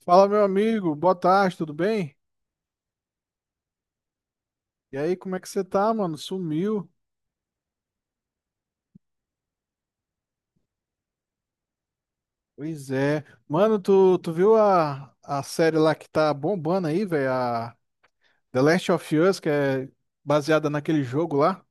Fala, meu amigo, boa tarde, tudo bem? E aí, como é que você tá, mano? Sumiu? Pois é. Mano, tu viu a série lá que tá bombando aí, velho? A The Last of Us, que é baseada naquele jogo lá?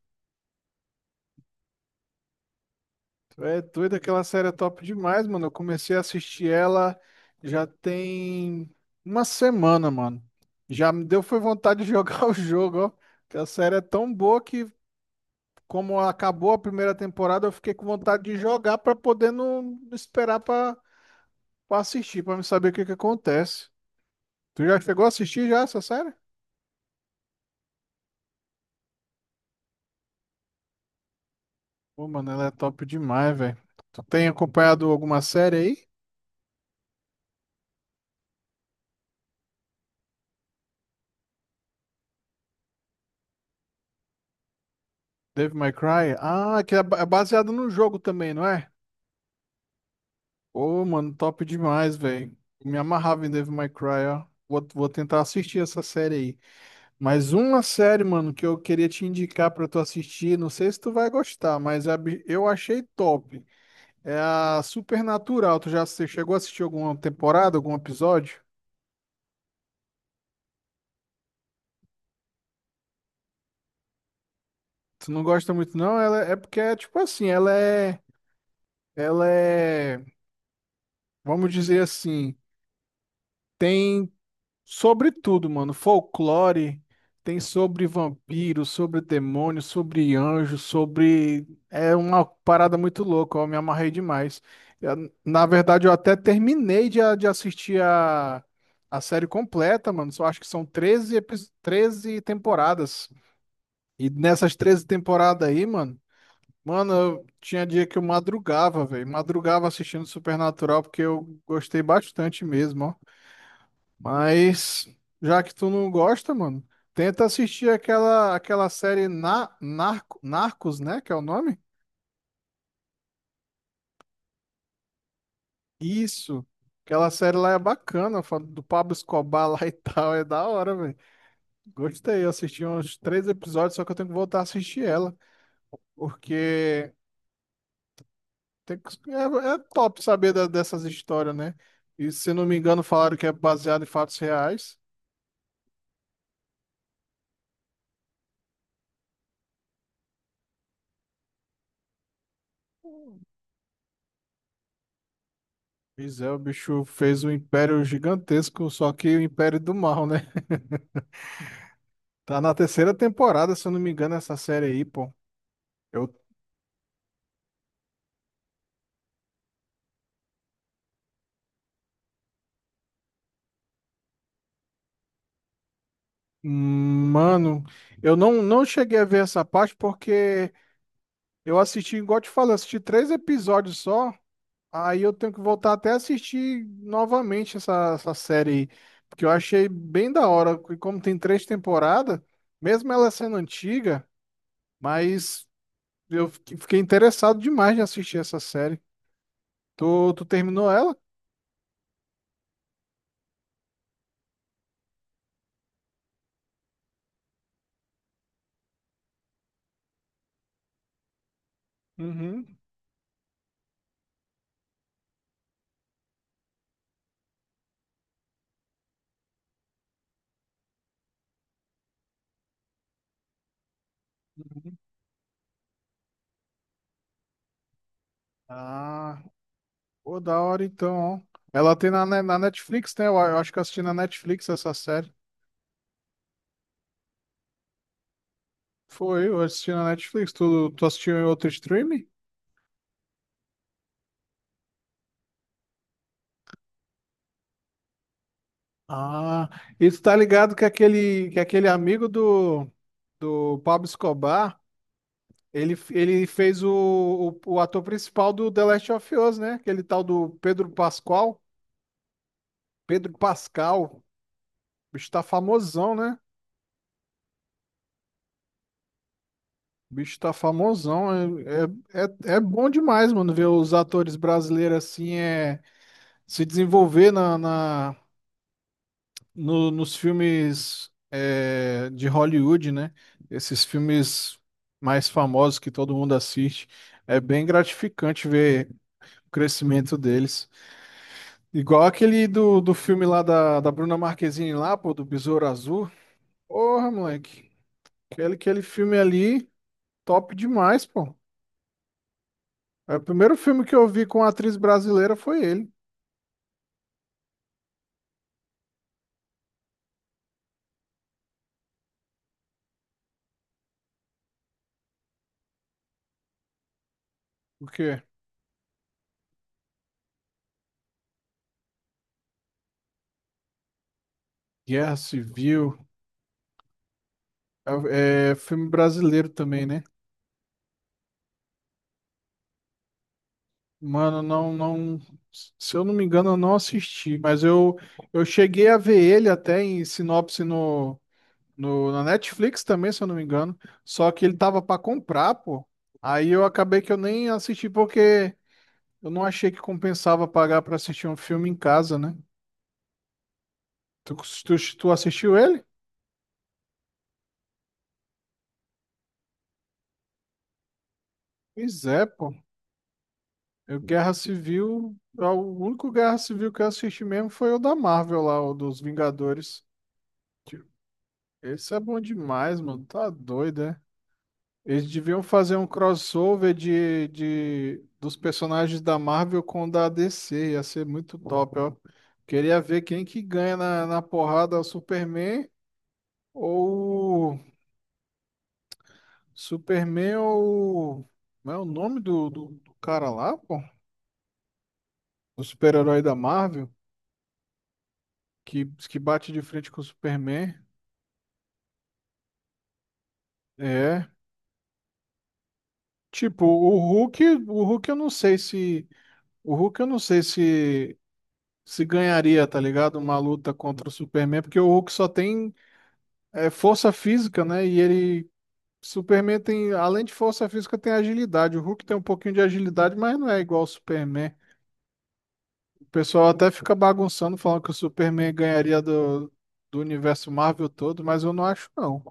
Tu é doido, aquela série é top demais, mano. Eu comecei a assistir ela já tem uma semana, mano. Já me deu foi vontade de jogar o jogo, ó. Que a série é tão boa que como acabou a primeira temporada, eu fiquei com vontade de jogar pra poder não esperar pra assistir, pra me saber o que que acontece. Tu já chegou a assistir já essa série? Pô, mano, ela é top demais, velho. Tu tem acompanhado alguma série aí? Dave May Cry? Ah, que é é baseado no jogo também, não é? Pô, mano, top demais, velho. Me amarrava em Dave May Cry, ó. Vou tentar assistir essa série aí. Mas uma série, mano, que eu queria te indicar pra tu assistir, não sei se tu vai gostar, mas eu achei top. É a Supernatural. Tu chegou a assistir alguma temporada, algum episódio? Tu não gosta muito, não? Ela é é porque é tipo assim, ela é. Ela é. Vamos dizer assim, tem sobre tudo, mano. Folclore, tem sobre vampiro, sobre demônio, sobre anjo, sobre. É uma parada muito louca, eu me amarrei demais. Na verdade, eu até terminei de assistir a série completa, mano. Só acho que são 13 temporadas. E nessas 13 temporadas aí, mano, eu tinha dia que eu madrugava, velho. Madrugava assistindo Supernatural porque eu gostei bastante mesmo, ó. Mas já que tu não gosta, mano, tenta assistir aquela série Narcos, né, que é o nome? Isso. Aquela série lá é bacana, do Pablo Escobar lá e tal, é da hora, velho. Gostei, eu assisti uns três episódios, só que eu tenho que voltar a assistir ela, porque É, é top saber dessas histórias, né? E se não me engano, falaram que é baseado em fatos reais. Pois é, o bicho fez um império gigantesco, só que o império do mal, né? Tá na terceira temporada, se eu não me engano, essa série aí, pô. Eu, mano, eu não cheguei a ver essa parte porque eu assisti, igual eu te falei, eu assisti três episódios só. Aí eu tenho que voltar até assistir novamente essa série aí, porque eu achei bem da hora. E como tem três temporadas, mesmo ela sendo antiga, mas eu fiquei interessado demais de assistir essa série. Tu terminou ela? Uhum, uhum. Ah, pô, da hora então. Ó. Ela tem na Netflix, né? Eu acho que eu assisti na Netflix essa série. Foi, eu assisti na Netflix. Tu assistiu em outro streaming? Ah, e tu tá ligado que que aquele amigo do. O Pablo Escobar, ele fez o ator principal do The Last of Us, né? Aquele tal do Pedro Pascal. Pedro Pascal. O bicho tá famosão, né? O bicho tá famosão. É bom demais, mano, ver os atores brasileiros assim é, se desenvolver na, na, no- nos filmes é, de Hollywood, né? Esses filmes mais famosos que todo mundo assiste. É bem gratificante ver o crescimento deles. Igual aquele do filme lá da Bruna Marquezine lá, pô, do Besouro Azul. Porra, moleque. Aquele filme ali, top demais, pô. É, o primeiro filme que eu vi com atriz brasileira foi ele. O quê? Guerra Civil. É filme brasileiro também, né? Mano, não. Se eu não me engano, eu não assisti, mas eu cheguei a ver ele até em sinopse no No, na Netflix também, se eu não me engano. Só que ele tava pra comprar, pô. Aí eu acabei que eu nem assisti porque eu não achei que compensava pagar pra assistir um filme em casa, né? Tu, tu assistiu ele? Pois é, pô. Guerra Civil. O único Guerra Civil que eu assisti mesmo foi o da Marvel lá, o dos Vingadores. Tipo, esse é bom demais, mano. Tá doido, é? Eles deviam fazer um crossover dos personagens da Marvel com o da DC. Ia ser muito top, ó. Queria ver quem que ganha na porrada, o Superman ou... Superman ou... Não é o nome do cara lá, pô? O super-herói da Marvel que bate de frente com o Superman. É. Tipo, o Hulk... O Hulk eu não sei se... O Hulk eu não sei se ganharia, tá ligado? Uma luta contra o Superman, porque o Hulk só tem é, força física, né? E ele. Superman tem, além de força física, tem agilidade. O Hulk tem um pouquinho de agilidade, mas não é igual ao Superman. O pessoal até fica bagunçando, falando que o Superman ganharia do universo Marvel todo, mas eu não acho, não.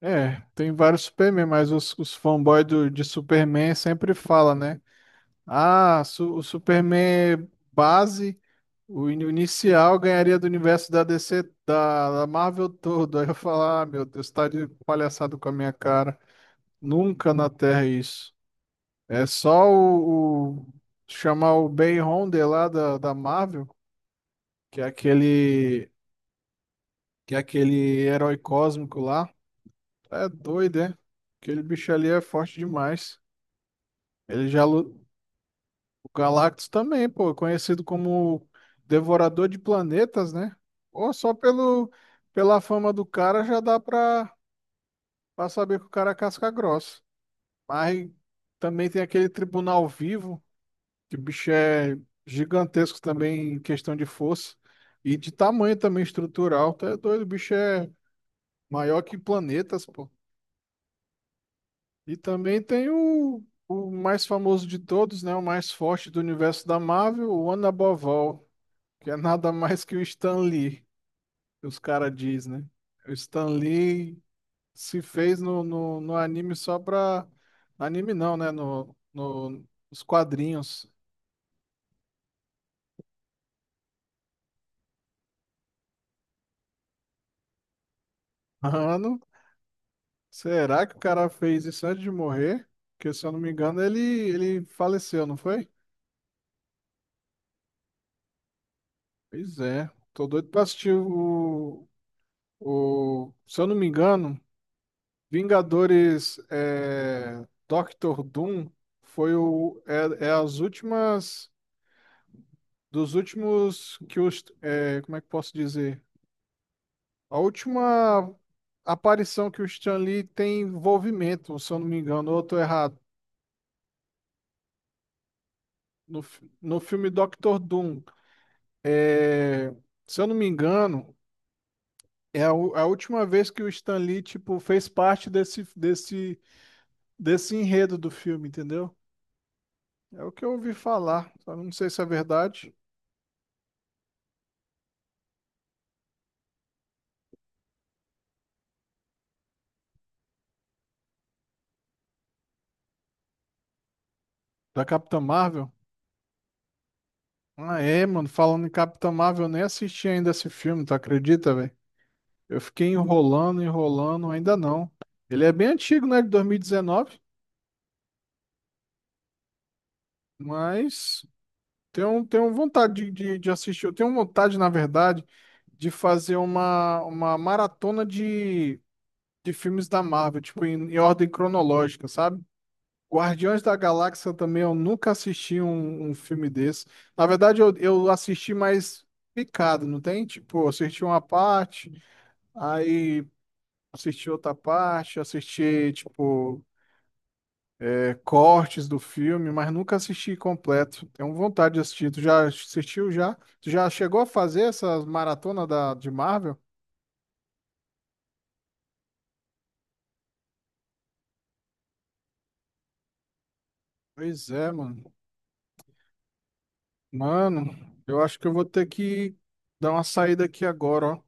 É, tem vários Superman, mas os fanboys de Superman sempre falam, né? Ah, o Superman base, o inicial ganharia do universo da DC, da Marvel todo. Aí eu falar, ah, meu Deus, tá de palhaçada com a minha cara. Nunca na Terra é isso. É só chamar o Ben Rhodes lá da Marvel, que é aquele que é aquele herói cósmico lá. É doido, é? Aquele bicho ali é forte demais. Ele já lutou. O Galactus também, pô, é conhecido como Devorador de Planetas, né? Ou só pela fama do cara já dá pra saber que o cara é casca grossa. Mas também tem aquele Tribunal Vivo, que o bicho é gigantesco também em questão de força e de tamanho também estrutural. Tá doido, o bicho é maior que planetas, pô. E também tem o mais famoso de todos, né? O mais forte do universo da Marvel, o Anabovol. Que é nada mais que o Stan Lee, que os caras diz, né? O Stan Lee se fez no anime só pra. Anime não, né? No, no, nos quadrinhos. Mano, será que o cara fez isso antes de morrer? Porque se eu não me engano, ele faleceu, não foi? Pois é. Tô doido pra assistir o. O se eu não me engano, Vingadores é, Doctor Doom foi o. É, é as últimas. Dos últimos que os. É, como é que posso dizer? A última aparição que o Stan Lee tem envolvimento, se eu não me engano, ou eu tô errado. No filme Doctor Doom. É, se eu não me engano, é a última vez que o Stan Lee, tipo, fez parte desse enredo do filme, entendeu? É o que eu ouvi falar. Só não sei se é verdade. Da Capitã Marvel? Ah, é, mano. Falando em Capitã Marvel, eu nem assisti ainda esse filme, tu acredita, velho? Eu fiquei enrolando, ainda não. Ele é bem antigo, né? De 2019, mas tenho, tenho vontade de assistir. Eu tenho vontade, na verdade, de fazer uma maratona de filmes da Marvel, tipo, em ordem cronológica, sabe? Guardiões da Galáxia também, eu nunca assisti um filme desse. Na verdade, eu assisti mais picado, não tem? Tipo, eu assisti uma parte, aí assisti outra parte, assisti, tipo. É, cortes do filme, mas nunca assisti completo. Tenho vontade de assistir. Tu já assistiu já? Tu já chegou a fazer essas maratonas da, de Marvel? Pois é, mano. Mano, eu acho que eu vou ter que dar uma saída aqui agora, ó.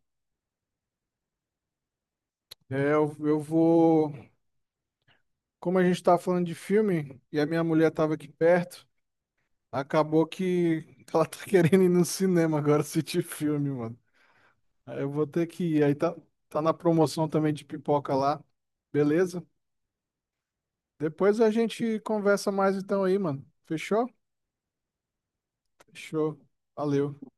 É, eu vou. Como a gente tá falando de filme e a minha mulher tava aqui perto, acabou que ela tá querendo ir no cinema agora assistir filme, mano. Aí eu vou ter que ir. Aí tá, tá na promoção também de pipoca lá, beleza? Depois a gente conversa mais então aí, mano. Fechou? Fechou. Valeu.